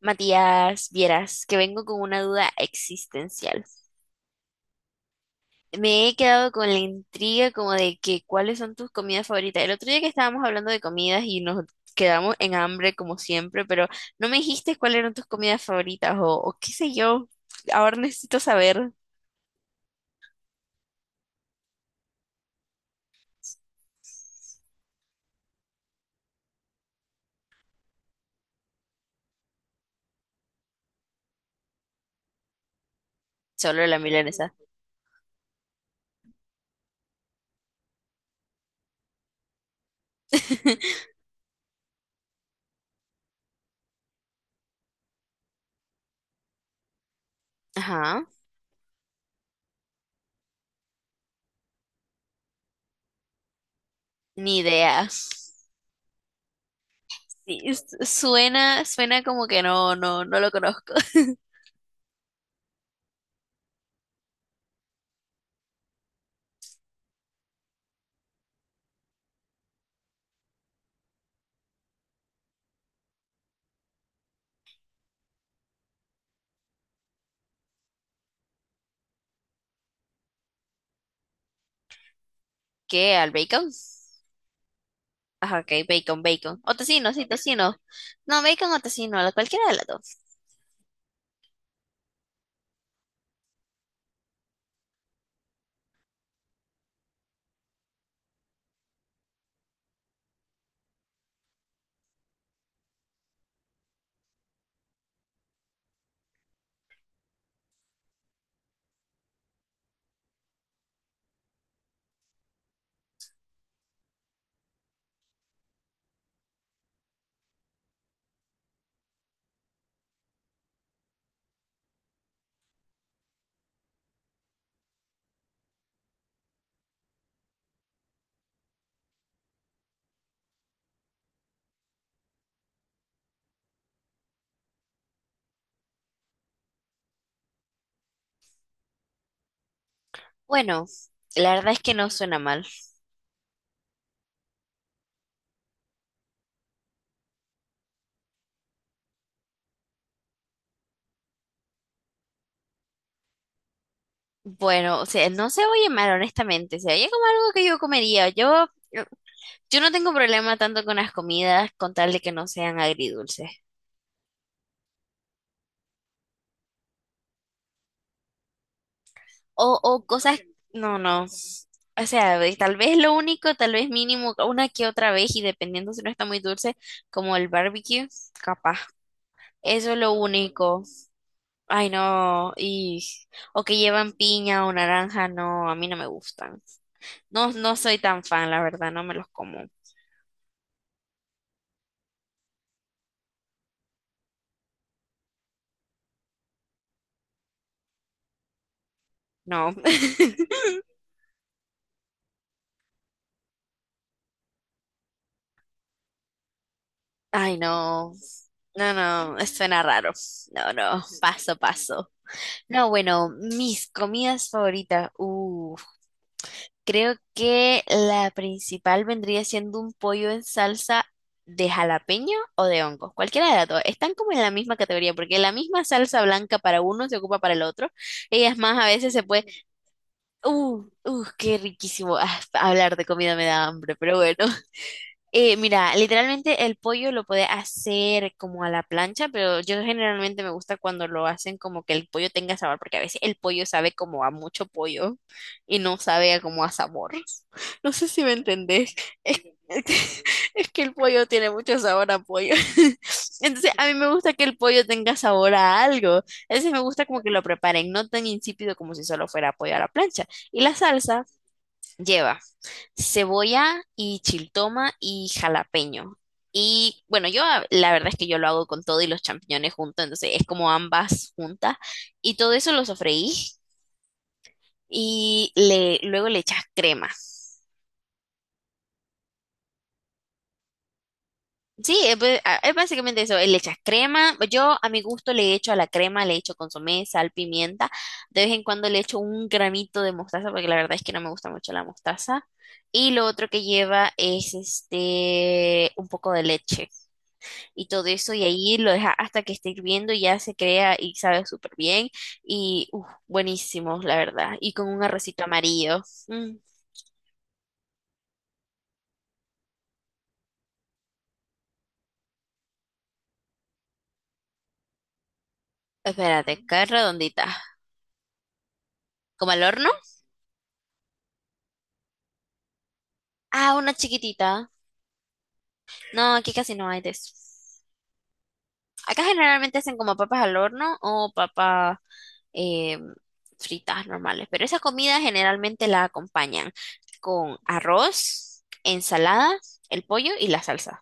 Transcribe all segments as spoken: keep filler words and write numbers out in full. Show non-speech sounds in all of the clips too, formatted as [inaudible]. Matías, vieras que vengo con una duda existencial. Me he quedado con la intriga como de que cuáles son tus comidas favoritas. El otro día que estábamos hablando de comidas y nos quedamos en hambre como siempre, pero no me dijiste cuáles eran tus comidas favoritas o, o qué sé yo. Ahora necesito saber. Solo la milanesa. [laughs] Ajá, ni idea. Sí, s- suena, suena como que no, no, no lo conozco. [laughs] ¿Qué? ¿Al bacon? Ajá, ok, bacon, bacon. O tocino, sí, tocino. No, bacon o tocino, la- cualquiera de las dos. Bueno, la verdad es que no suena mal. Bueno, o sea, no se oye mal, honestamente. Se oye como algo que yo comería. Yo, yo no tengo problema tanto con las comidas, con tal de que no sean agridulces. O, o cosas, no, no. O sea, ve- tal vez lo único, tal vez mínimo, una que otra vez, y dependiendo si no está muy dulce, como el barbecue, capaz. Eso es lo único. Ay, no, y o que llevan piña o naranja, no, a mí no me gustan. No, no soy tan fan, la verdad, no me los como. No. [laughs] Ay, no. No, no, suena raro. No, no, paso, paso. No, bueno, mis comidas favoritas. Uh. Creo que la principal vendría siendo un pollo en salsa de jalapeño o de hongos, cualquiera de las dos. Están como en la misma categoría, porque la misma salsa blanca para uno se ocupa para el otro. Y es más, a veces se puede... ¡Uh! ¡Uh! ¡Qué riquísimo! Ah, hablar de comida me da hambre, pero bueno. Eh, mira, literalmente el pollo lo puede hacer como a la plancha, pero yo generalmente me gusta cuando lo hacen como que el pollo tenga sabor, porque a veces el pollo sabe como a mucho pollo y no sabe a como a sabor. [laughs] No sé si me entendés. Es, [laughs] es que el pollo tiene mucho sabor a pollo. [laughs] Entonces, a mí me gusta que el pollo tenga sabor a algo. Entonces, me gusta como que lo preparen, no tan insípido como si solo fuera pollo a la plancha. Y la salsa lleva cebolla y chiltoma y jalapeño. Y bueno, yo a- la verdad es que yo lo hago con todo y los champiñones juntos, entonces es como ambas juntas. Y todo eso lo sofreí y le, luego le echas crema. Sí, es, ba- a- es básicamente eso, le echas crema. Yo a mi gusto le echo a la crema, le echo consomé, sal, pimienta. De vez en cuando le echo un gramito de mostaza, porque la verdad es que no me gusta mucho la mostaza. Y lo otro que lleva es este un poco de leche, y todo eso, y ahí lo deja hasta que esté hirviendo y ya se crea y sabe súper bien. Y uf, buenísimo, la verdad. Y con un arrocito amarillo. Mm. Espérate, ¿qué redondita? ¿Como al horno? Ah, una chiquitita. No, aquí casi no hay de eso. Acá generalmente hacen como papas al horno o papas eh, fritas normales, pero esa comida generalmente la acompañan con arroz, ensalada, el pollo y la salsa.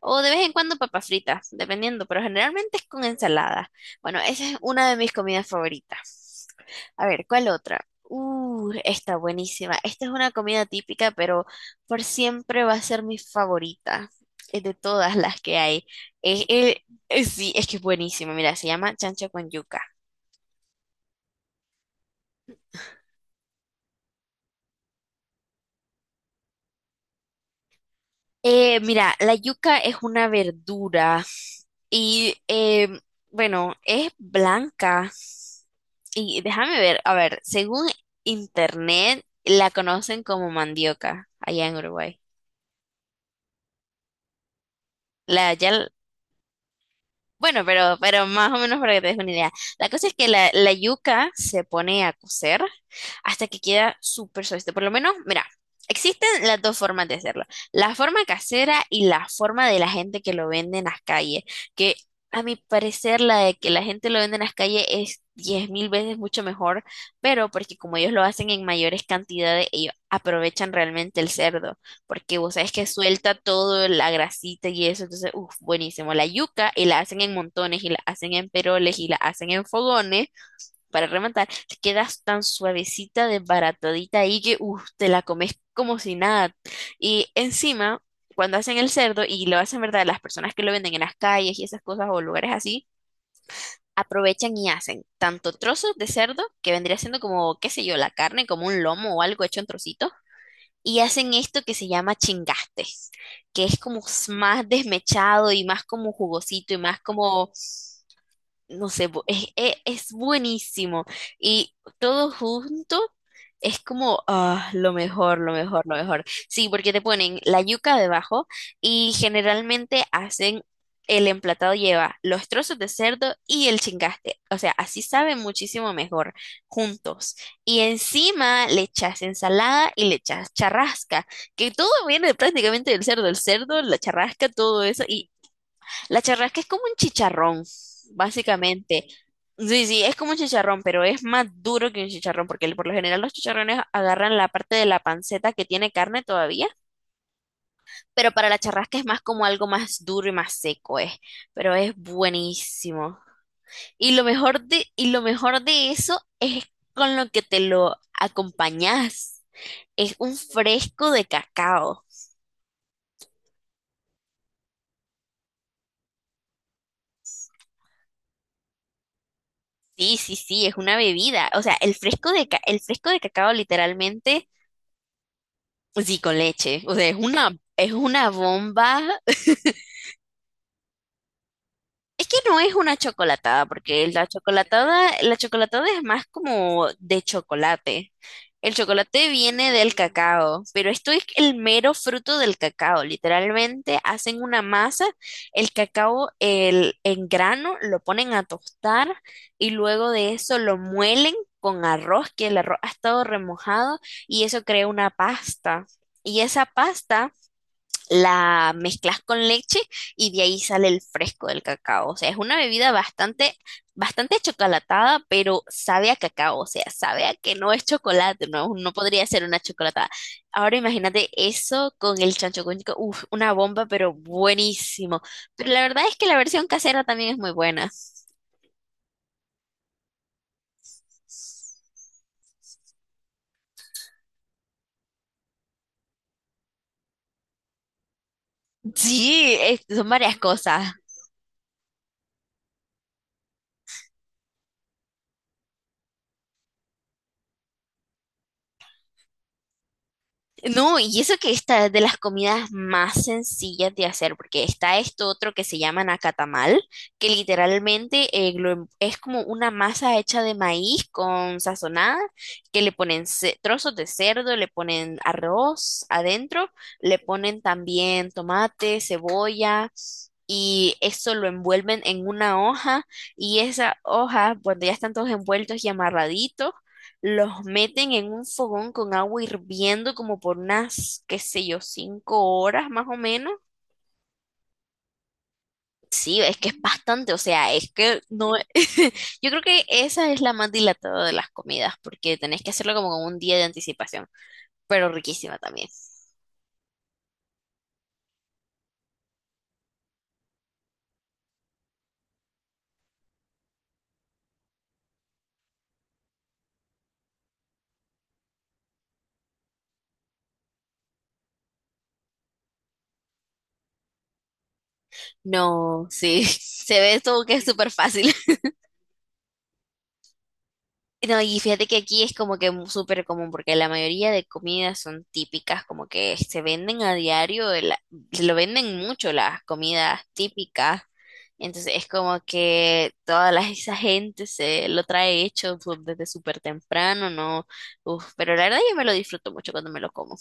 O de vez en cuando papas fritas, dependiendo, pero generalmente es con ensalada. Bueno, esa es una de mis comidas favoritas. A ver, ¿cuál otra? Uh, esta buenísima. Esta es una comida típica, pero por siempre va a ser mi favorita eh, de todas las que hay. Eh, eh, eh, sí, es que es buenísima. Mira, se llama chancho con yuca. Eh, mira, la yuca es una verdura y, eh, bueno, es blanca. Y déjame ver, a ver, según internet la conocen como mandioca allá en Uruguay. La, ya, l- bueno, pero, pero más o menos para que te des una idea. La cosa es que la, la yuca se pone a cocer hasta que queda súper suave. Por lo menos, mira, existen las dos formas de hacerlo. La forma casera y la forma de la gente que lo vende en las calles, que a mi parecer la de que la gente lo vende en las calles es diez mil veces mucho mejor, pero porque como ellos lo hacen en mayores cantidades, ellos aprovechan realmente el cerdo, porque vos sabes que suelta todo, la grasita y eso, entonces, uff, buenísimo. La yuca y la hacen en montones y la hacen en peroles y la hacen en fogones para rematar, te quedas tan suavecita, desbaratadita ahí que uf, te la comes como si nada. Y encima, cuando hacen el cerdo, y lo hacen, ¿verdad? Las personas que lo venden en las calles y esas cosas o lugares así, aprovechan y hacen tanto trozos de cerdo, que vendría siendo como, qué sé yo, la carne, como un lomo o algo hecho en trocitos, y hacen esto que se llama chingastes que es como s- más desmechado y más como jugosito y más como no sé, bu- es, es- es buenísimo. Y todo junto es como ah, lo mejor, lo mejor, lo mejor. Sí, porque te ponen la yuca debajo y generalmente hacen el emplatado lleva los trozos de cerdo y el chingaste. O sea, así saben muchísimo mejor juntos. Y encima le echas ensalada y le echas charrasca, que todo viene prácticamente del cerdo, el cerdo, la charrasca, todo eso, la charrasca es como un chicharrón, básicamente. Sí, sí, es como un chicharrón, pero es más duro que un chicharrón, porque por lo general los chicharrones agarran la parte de la panceta que tiene carne todavía, pero para la charrasca es más como algo más duro y más seco, eh, pero es buenísimo. Y lo mejor de, y lo mejor de eso es con lo que te lo acompañas. Es un fresco de cacao. Sí, sí, sí, es una bebida. O sea, el fresco de, ca- el fresco de cacao literalmente sí, con leche. O sea, es una, es una bomba. Es que no es una chocolatada, porque la chocolatada, la chocolatada es más como de chocolate. El chocolate viene del cacao, pero esto es el mero fruto del cacao. Literalmente hacen una masa, el cacao el, en grano lo ponen a tostar y luego de eso lo muelen con arroz, que el arroz ha estado remojado y eso crea una pasta. Y esa pasta la mezclas con leche y de ahí sale el fresco del cacao. O sea, es una bebida bastante, bastante chocolatada, pero sabe a cacao. O sea, sabe a que no es chocolate, no, no podría ser una chocolatada. Ahora imagínate eso con el chancho con chico. Uf, una bomba, pero buenísimo. Pero la verdad es que la versión casera también es muy buena. Sí, es- son varias cosas. No, y eso que esta es de las comidas más sencillas de hacer, porque está esto otro que se llama nacatamal, que literalmente eh, lo em- es como una masa hecha de maíz con sazonada, que le ponen ce- trozos de cerdo, le ponen arroz adentro, le ponen también tomate, cebolla, y eso lo envuelven en una hoja, y esa hoja, cuando ya están todos envueltos y amarraditos, los meten en un fogón con agua hirviendo como por unas, qué sé yo, cinco horas más o menos. Sí, es que es bastante, o sea, es que no, [laughs] yo creo que esa es la más dilatada de las comidas, porque tenés que hacerlo como con un día de anticipación, pero riquísima también. No, sí, [laughs] se ve todo que es súper fácil. No, y fíjate que aquí es como que mu- súper común, porque la mayoría de comidas son típicas, como que se venden a diario, la- se lo venden mucho las comidas típicas. Entonces es como que toda la, esa gente se lo trae hecho su- desde súper temprano, ¿no? Uf, pero la verdad yo me lo disfruto mucho cuando me lo como.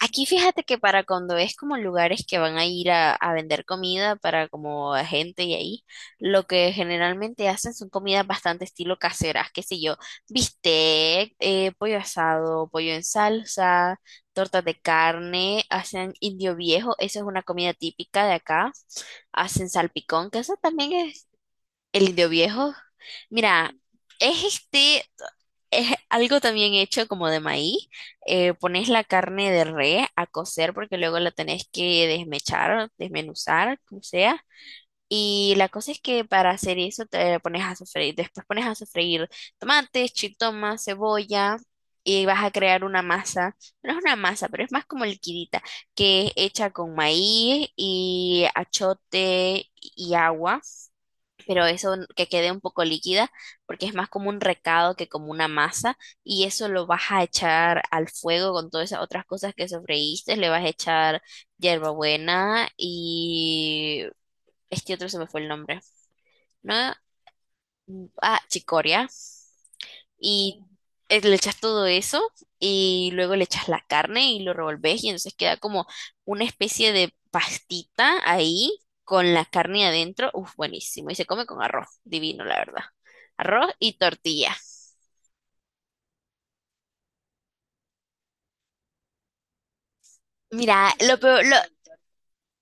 Aquí fíjate que para cuando es como lugares que van a ir a, a vender comida para como a gente y ahí, lo que generalmente hacen son comidas bastante estilo caseras, qué sé yo, bistec, eh, pollo asado, pollo en salsa, tortas de carne, hacen indio viejo, esa es una comida típica de acá, hacen salpicón, que eso también es el indio viejo. Mira, es este es algo también hecho como de maíz. Eh, pones la carne de res a cocer porque luego la tenés que desmechar, desmenuzar, como sea. Y la cosa es que para hacer eso te pones a sofreír. Después pones a sofreír tomates, chitoma, cebolla. Y vas a crear una masa. No es una masa, pero es más como liquidita, que es hecha con maíz y achote y agua pero eso que quede un poco líquida, porque es más como un recado que como una masa, y eso lo vas a echar al fuego con todas esas otras cosas que sofreíste, le vas a echar hierbabuena y este otro se me fue el nombre, ¿no? Ah, chicoria y eh, le echas todo eso y luego le echas la carne y lo revolves y entonces queda como una especie de pastita ahí con la carne adentro. Uf, buenísimo. Y se come con arroz, divino, la verdad. Arroz y tortilla. Mira, lo peor, lo-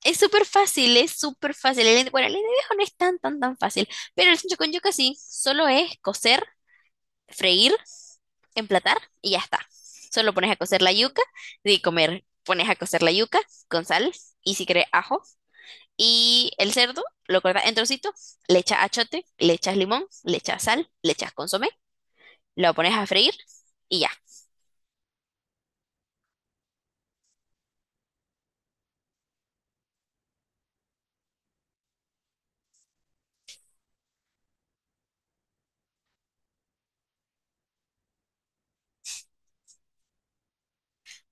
es súper fácil, es súper fácil. El- bueno, el de viejo no es tan, tan, tan fácil, pero el sancocho con yuca sí, solo es cocer freír, emplatar y ya está. Solo pones a cocer la yuca de comer. Pones a cocer la yuca con sal y si querés ajo. Y el cerdo lo cortas en trocitos, le echas achote, le echas limón, le echas sal, le echas consomé, lo pones a freír y ya.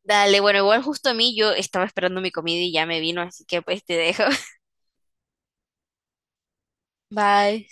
Dale, bueno, igual justo a mí yo estaba esperando mi comida y ya me vino, así que pues te dejo. [laughs] Bye.